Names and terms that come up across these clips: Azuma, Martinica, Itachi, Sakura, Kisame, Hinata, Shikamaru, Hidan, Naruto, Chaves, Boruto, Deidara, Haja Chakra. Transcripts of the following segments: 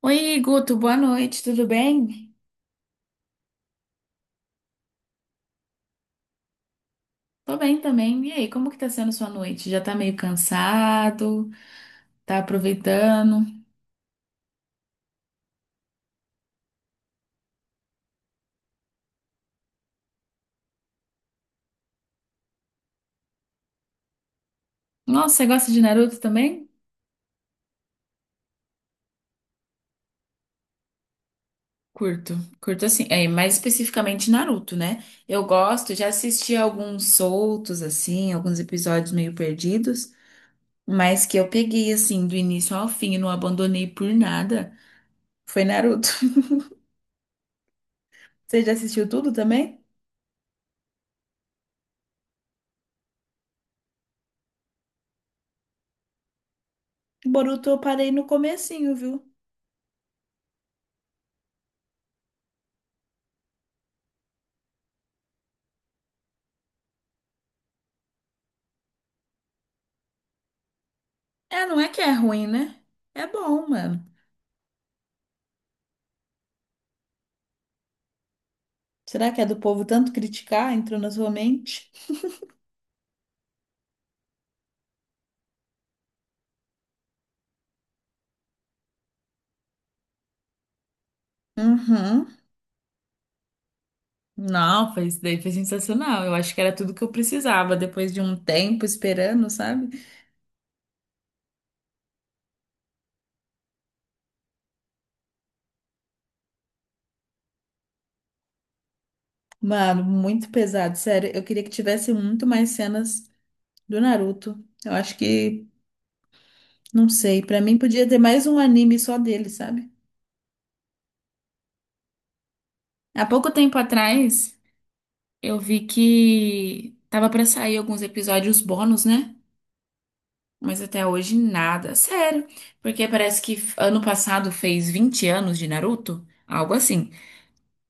Oi, Guto, boa noite, tudo bem? Tô bem também. E aí, como que tá sendo sua noite? Já tá meio cansado? Tá aproveitando? Nossa, você gosta de Naruto também? Curto, curto assim, é, mais especificamente Naruto, né? Eu gosto, já assisti alguns soltos, assim, alguns episódios meio perdidos, mas que eu peguei, assim, do início ao fim e não abandonei por nada, foi Naruto. Você já assistiu tudo também? Boruto eu parei no comecinho, viu? É, não é que é ruim, né? É bom, mano. Será que é do povo tanto criticar? Entrou na sua mente? Uhum. Não, foi, isso daí foi sensacional. Eu acho que era tudo que eu precisava depois de um tempo esperando, sabe? Mano, muito pesado, sério. Eu queria que tivesse muito mais cenas do Naruto. Eu acho que, não sei, pra mim podia ter mais um anime só dele, sabe? Há pouco tempo atrás, eu vi que tava pra sair alguns episódios bônus, né? Mas até hoje nada. Sério. Porque parece que ano passado fez 20 anos de Naruto, algo assim.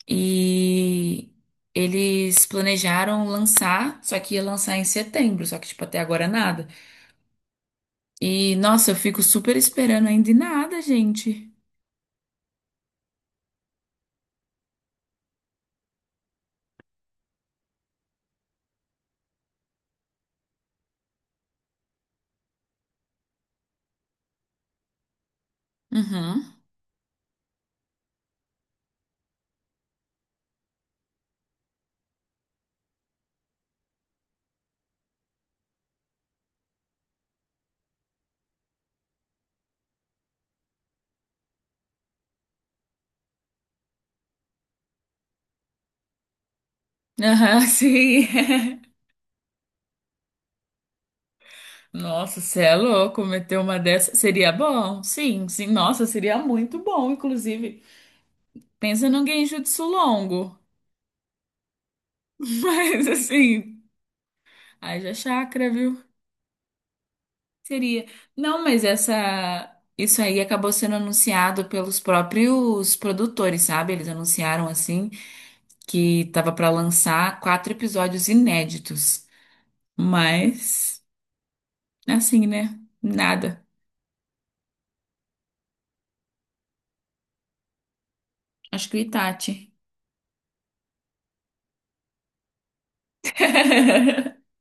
E eles planejaram lançar, só que ia lançar em setembro, só que tipo até agora nada. E nossa, eu fico super esperando ainda e nada, gente. Uhum. Aham, sim. Nossa, você é louco, meter uma dessa seria bom? Sim, sim. Nossa, seria muito bom, inclusive. Pensa num genjutsu longo. Mas assim, haja Chakra, viu? Seria. Não, mas essa. Isso aí acabou sendo anunciado pelos próprios produtores, sabe? Eles anunciaram assim que tava pra lançar quatro episódios inéditos. Mas, assim, né? Nada. Acho que o Itachi.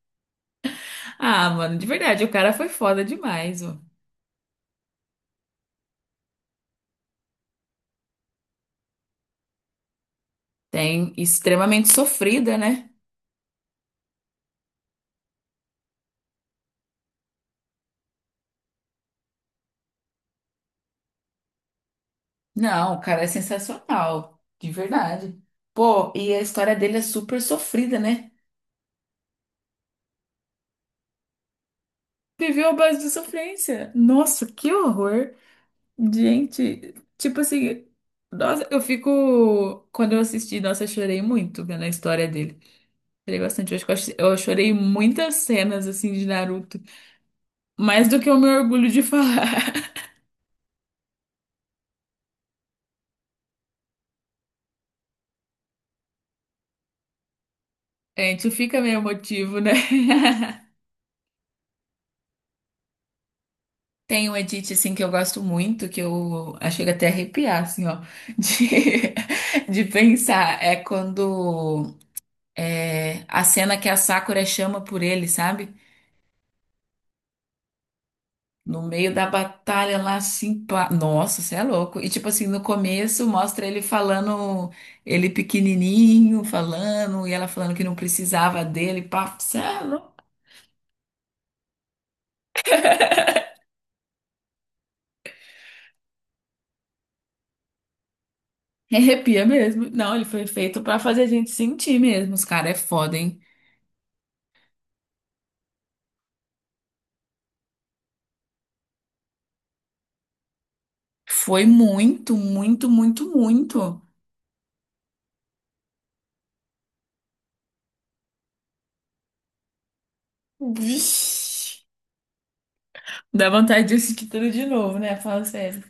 Ah, mano, de verdade, o cara foi foda demais, ó. Tem extremamente sofrida, né? Não, o cara é sensacional, de verdade. Pô, e a história dele é super sofrida, né? Viveu à base de sofrência. Nossa, que horror. Gente, tipo assim, nossa, eu fico. Quando eu assisti, nossa, eu chorei muito vendo a história dele. Chorei bastante. Eu acho que eu eu chorei muitas cenas, assim, de Naruto. Mais do que o meu orgulho de falar. A gente fica meio emotivo, né? Tem um edit, assim, que eu gosto muito, que eu ah, chego até a arrepiar, assim, ó, de, de pensar. É quando. É, a cena que a Sakura chama por ele, sabe? No meio da batalha lá, assim, pá. Nossa, você é louco. E tipo assim, no começo mostra ele falando, ele pequenininho falando, e ela falando que não precisava dele, pá, você é louco. Arrepia mesmo. Não, ele foi feito pra fazer a gente sentir mesmo. Os caras é foda, hein? Foi muito, muito, muito, muito. Vixe. Dá vontade de assistir tudo de novo, né? Fala sério.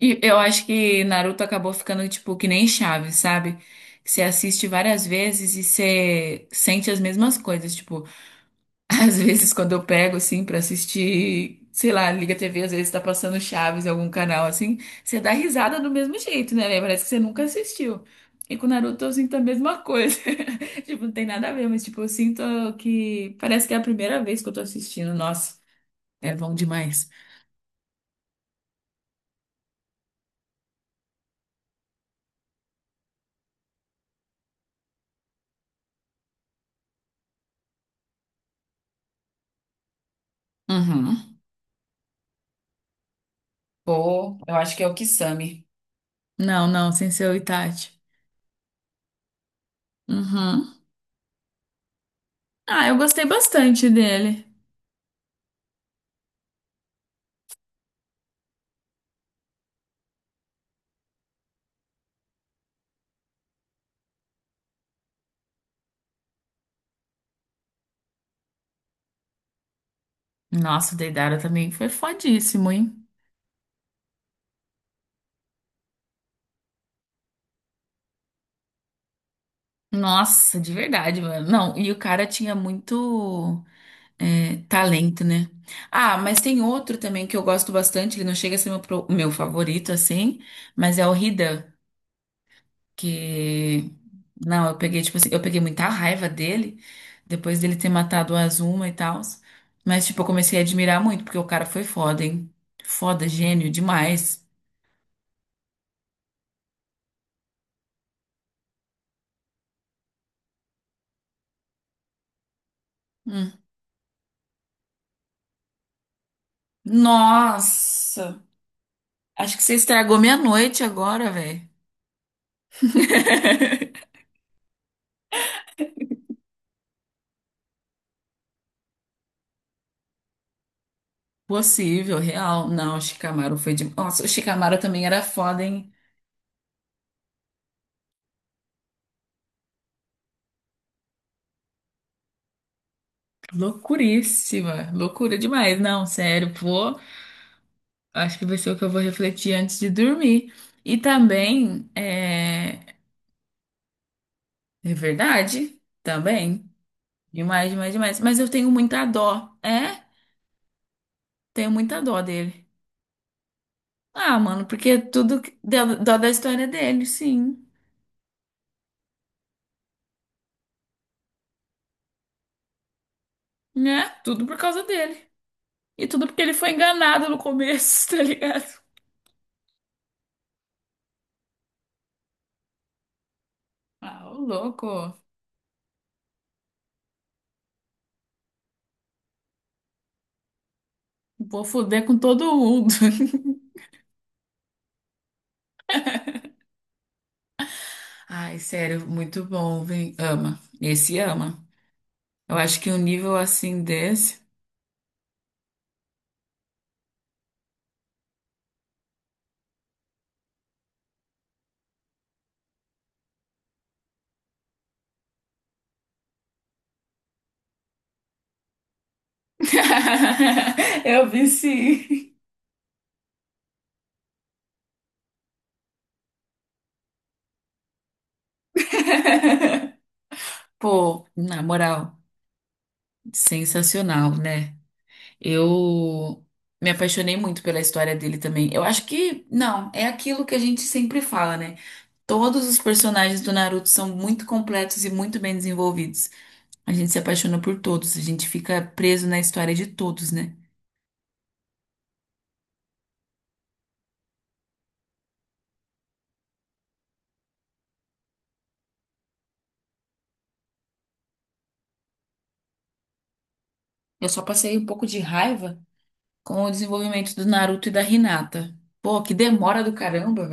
E eu acho que Naruto acabou ficando tipo que nem Chaves, sabe? Você assiste várias vezes e você sente as mesmas coisas. Tipo, às vezes quando eu pego assim pra assistir, sei lá, liga a TV, às vezes tá passando Chaves em algum canal assim, você dá risada do mesmo jeito, né? Parece que você nunca assistiu. E com Naruto eu sinto a mesma coisa. Tipo, não tem nada a ver, mas tipo, eu sinto que parece que é a primeira vez que eu tô assistindo. Nossa, é bom demais. Uhum. Pô, eu acho que é o Kisame. Não, não, sem ser o Itachi. Uhum. Ah, eu gostei bastante dele. Nossa, o Deidara também foi fodíssimo, hein? Nossa, de verdade, mano. Não, e o cara tinha muito é, talento, né? Ah, mas tem outro também que eu gosto bastante. Ele não chega a ser meu, meu favorito, assim, mas é o Hidan. Que. Não, eu peguei, tipo assim, eu peguei muita raiva dele, depois dele ter matado o Azuma e tal. Mas, tipo, eu comecei a admirar muito, porque o cara foi foda, hein? Foda, gênio demais. Hum. Nossa! Acho que você estragou minha noite agora, velho. Possível, real. Não, o Shikamaru foi de. Nossa, o Shikamaru também era foda, hein? Loucuríssima. Loucura demais. Não, sério, pô. Acho que vai ser o que eu vou refletir antes de dormir. E também, é, é verdade, também. Demais, demais, demais. Mas eu tenho muita dó. É? Tenho muita dó dele. Ah, mano, porque tudo dó da história dele, sim. Né? Tudo por causa dele. E tudo porque ele foi enganado no começo, tá ligado? Ah, ô louco. Vou foder com todo mundo. Ai, sério, muito bom, vem. Ama. Esse ama. Eu acho que um nível assim desse. Eu vi sim. Pô, na moral, sensacional, né? Eu me apaixonei muito pela história dele também. Eu acho que, não, é aquilo que a gente sempre fala, né? Todos os personagens do Naruto são muito completos e muito bem desenvolvidos. A gente se apaixona por todos, a gente fica preso na história de todos, né? Eu só passei um pouco de raiva com o desenvolvimento do Naruto e da Hinata. Pô, que demora do caramba.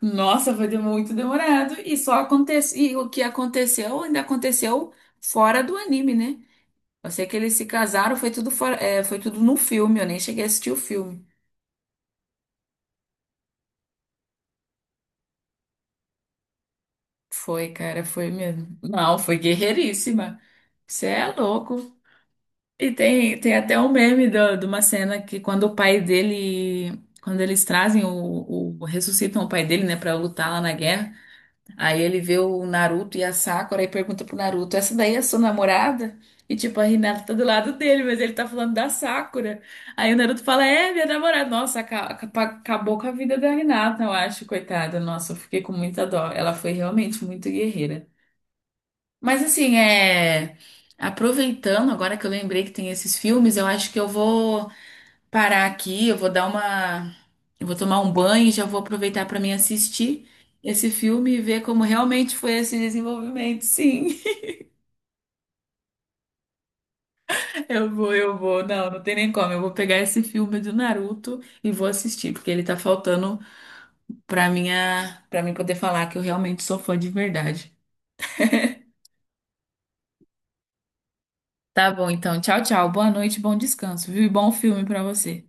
Nossa, foi muito demorado. E só aconteceu. E o que aconteceu ainda aconteceu fora do anime, né? Eu sei que eles se casaram, foi tudo fora, é, foi tudo no filme, eu nem cheguei a assistir o filme. Foi, cara, foi mesmo. Não, foi guerreiríssima. Você é louco. E tem até um meme de uma cena que quando o pai dele. Quando eles trazem ressuscitam o pai dele, né, pra lutar lá na guerra. Aí ele vê o Naruto e a Sakura e pergunta pro Naruto: Essa daí é sua namorada? E tipo, a Hinata tá do lado dele, mas ele tá falando da Sakura. Aí o Naruto fala: É, minha namorada. Nossa, acabou com a vida da Hinata, eu acho, coitada. Nossa, eu fiquei com muita dó. Ela foi realmente muito guerreira. Mas assim, é. Aproveitando, agora que eu lembrei que tem esses filmes, eu acho que eu vou parar aqui, eu vou tomar um banho e já vou aproveitar para mim assistir esse filme e ver como realmente foi esse desenvolvimento. Sim, eu vou. Não, não tem nem como. Eu vou pegar esse filme do Naruto e vou assistir, porque ele tá faltando para minha, para mim poder falar que eu realmente sou fã de verdade. Tá bom, então. Tchau, tchau. Boa noite, bom descanso, viu? E bom filme para você.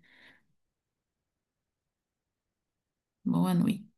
Boa noite.